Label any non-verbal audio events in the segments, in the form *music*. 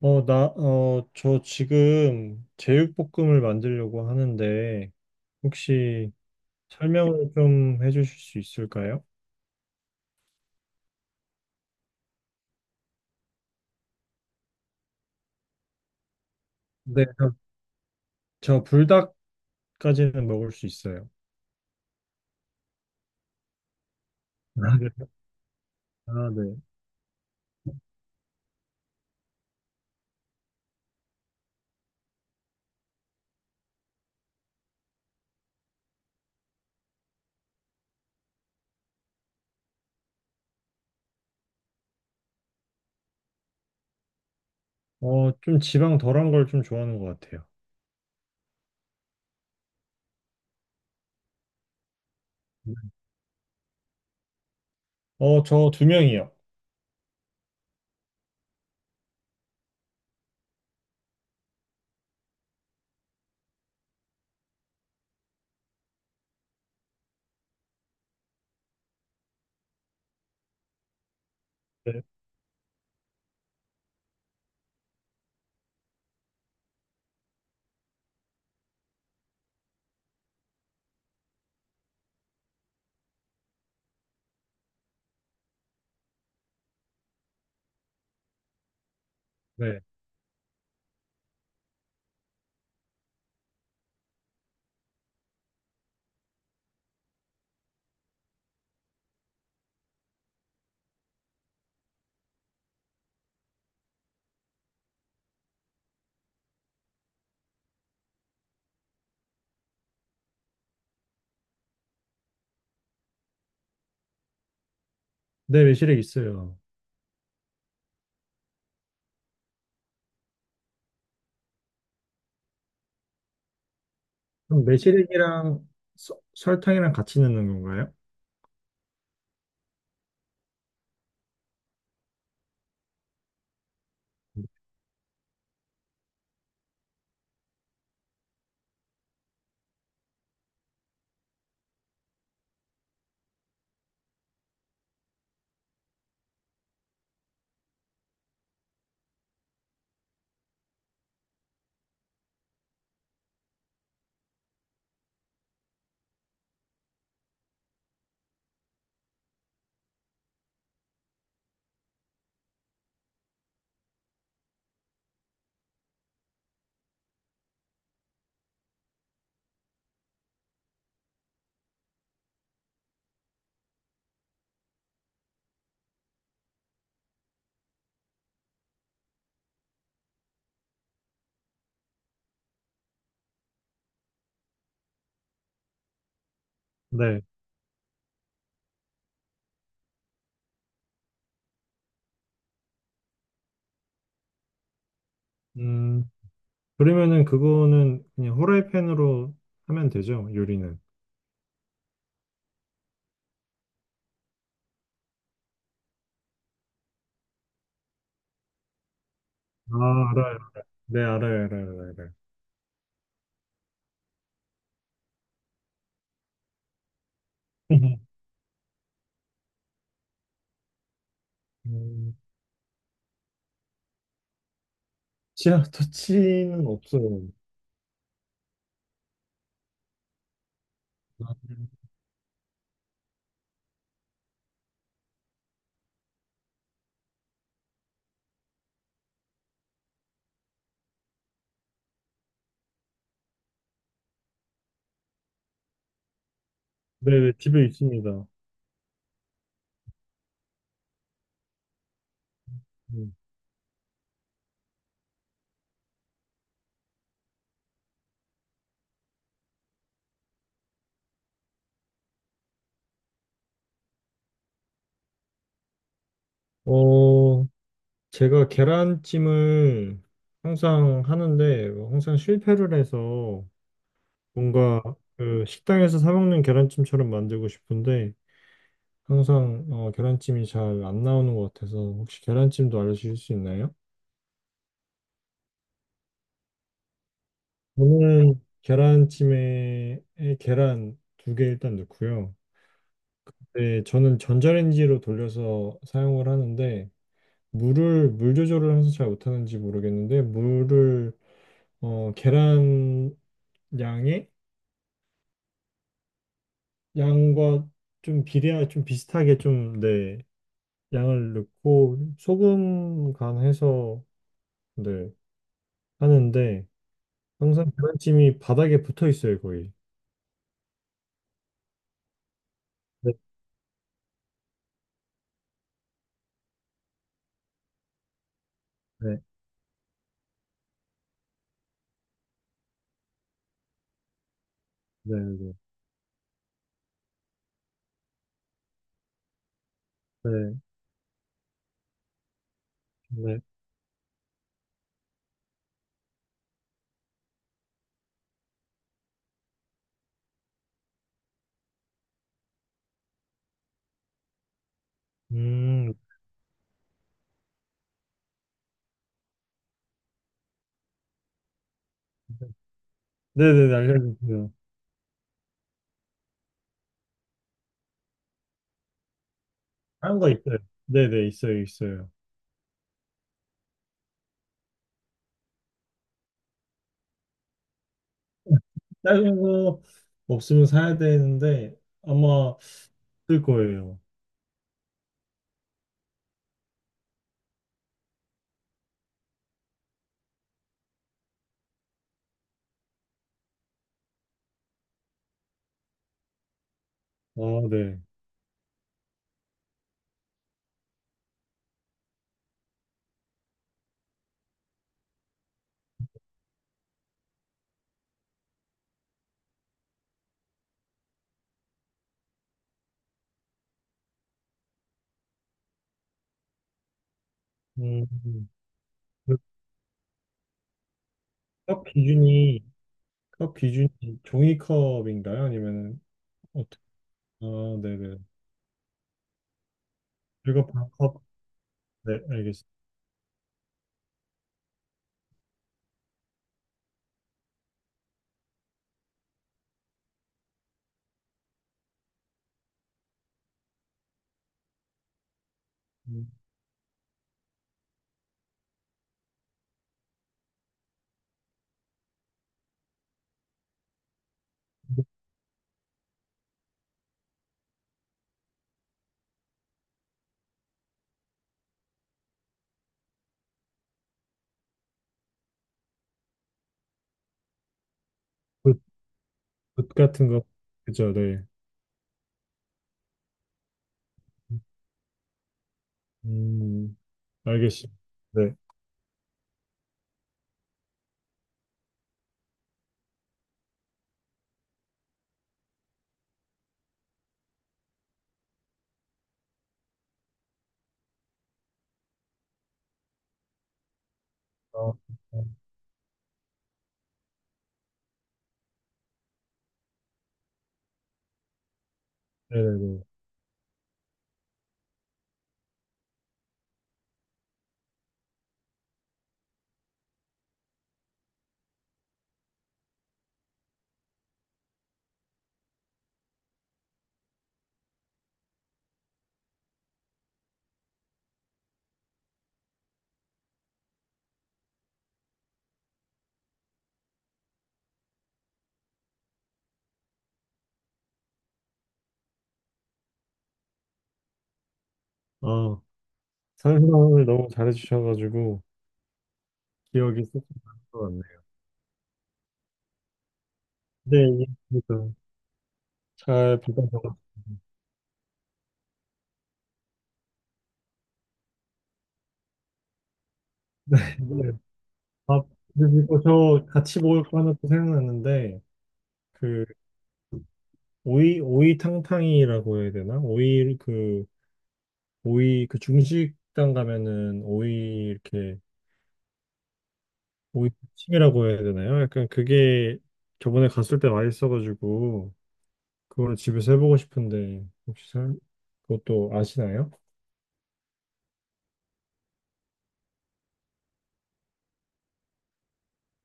저 지금 제육볶음을 만들려고 하는데, 혹시 설명을 좀 해주실 수 있을까요? 네, 저 불닭까지는 먹을 수 있어요. *laughs* 아, 네. 아, 네. 좀 지방 덜한 걸 좀 좋아하는 것 같아요. 저 두 명이요. 네. 네, 네, 매실액 있어요. 그럼 매실액이랑 설탕이랑 같이 넣는 건가요? 네. 음, 그러면은 그거는 그냥 후라이팬으로 하면 되죠, 요리는. 아, 알아요. 네, 알아요, 알아요, 알아요. 알아요. *laughs* 음, 아 터치는 없어요. 네, 네, 집에 있습니다. 음. 어, 제가 계란찜을 항상 하는데, 항상 실패를 해서 뭔가 그 식당에서 사 먹는 계란찜처럼 만들고 싶은데, 항상 계란찜이 잘 안 나오는 것 같아서, 혹시 계란찜도 알려주실 수 있나요? 저는 계란찜에 계란 2개 일단 넣고요. 네, 저는 전자레인지로 돌려서 사용을 하는데 물을 물 조절을 항상 잘 못하는지 모르겠는데 물을 계란 양의 양과 좀 비례하 좀 비슷하게 좀 네, 양을 넣고 소금 간해서 네, 하는데 항상 계란찜이 바닥에 붙어 있어요 거의. 네, 네, 네, 네, 네, 네. 음, 네네, 알려주세요. 다른 거 있어요. 네네 있어요 있어요. 작은 거 없으면 사야 되는데 아마 쓸 거예요. 아, 네. 음, 그컵 기준이 컵 기준이 종이컵인가요? 아니면은 어떻게? 아, 네네. 그리고 반컵. 네, 알겠습니다. 음, 붓, 붓 같은 거. 그죠, 네. 음, 알겠습니다. 네. 아, 네네네. 아, 설명을 너무 잘해주셔가지고 기억이 쏙쏙 나는 것 같네요. 네, 예, 그래도 잘 부탁드립니다. *laughs* 아, 그리고 저 같이 먹을 거 하나 또 생각났는데, 그, 오이탕탕이라고 해야 되나? 오이, 그, 오이, 그 중식당 가면은 오이, 이렇게, 오이찜이라고 해야 되나요? 약간 그게 저번에 갔을 때 맛있어가지고, 그걸 집에서 해보고 싶은데, 혹시 그것도 아시나요?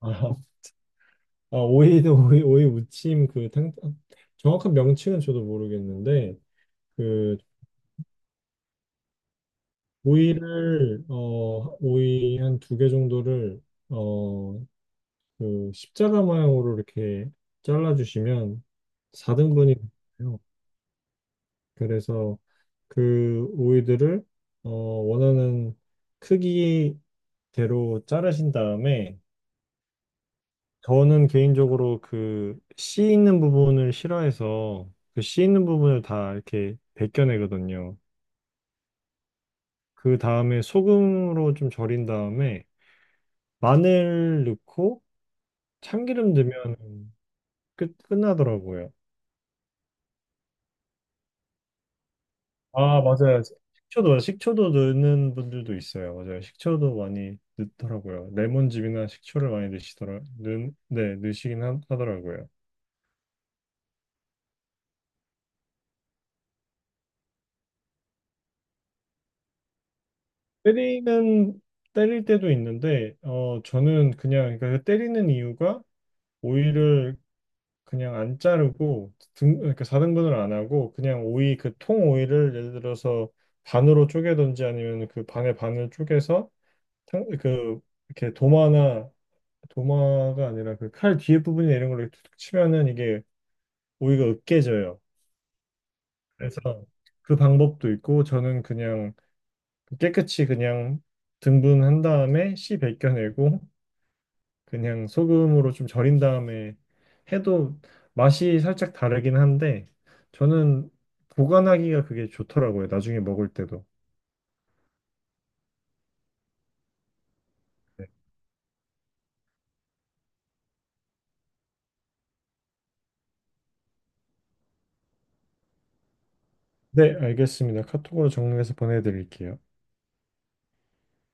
아, *laughs* 아, 오이는 오이, 오이 무침, 그, 탕, 정확한 명칭은 저도 모르겠는데, 그 오이를 오이 한 두 개 정도를 어 그 십자가 모양으로 이렇게 잘라 주시면 4등분이 돼요. 그래서 그 오이들을 원하는 크기대로 자르신 다음에 저는 개인적으로 그 씨 있는 부분을 싫어해서 그 씨 있는 부분을 다 이렇게 벗겨내거든요. 그 다음에 소금으로 좀 절인 다음에 마늘 넣고 참기름 넣으면 끝 끝나더라고요. 아, 맞아요. 식초도 넣는 분들도 있어요. 맞아요. 식초도 많이 넣더라고요. 레몬즙이나 식초를 많이 넣으시더라. 네, 넣으시긴 하, 하더라고요. 때리는 때릴 때도 있는데 저는 그냥 그러니까 그 때리는 이유가 오이를 그냥 안 자르고 등 그러니까 4등분을 안 하고 그냥 오이 그 통 오이를 예를 들어서 반으로 쪼개든지 아니면 그 반의 반을 쪼개서 그 이렇게 도마나 도마가 아니라 그 칼 뒤에 부분이나 이런 걸로 이렇게 툭툭 치면은 이게 오이가 으깨져요. 그래서 그 방법도 있고 저는 그냥 깨끗이 그냥 등분한 다음에 씨 벗겨내고 그냥 소금으로 좀 절인 다음에 해도 맛이 살짝 다르긴 한데 저는 보관하기가 그게 좋더라고요. 나중에 먹을 때도. 네, 네, 알겠습니다. 카톡으로 정리해서 보내드릴게요.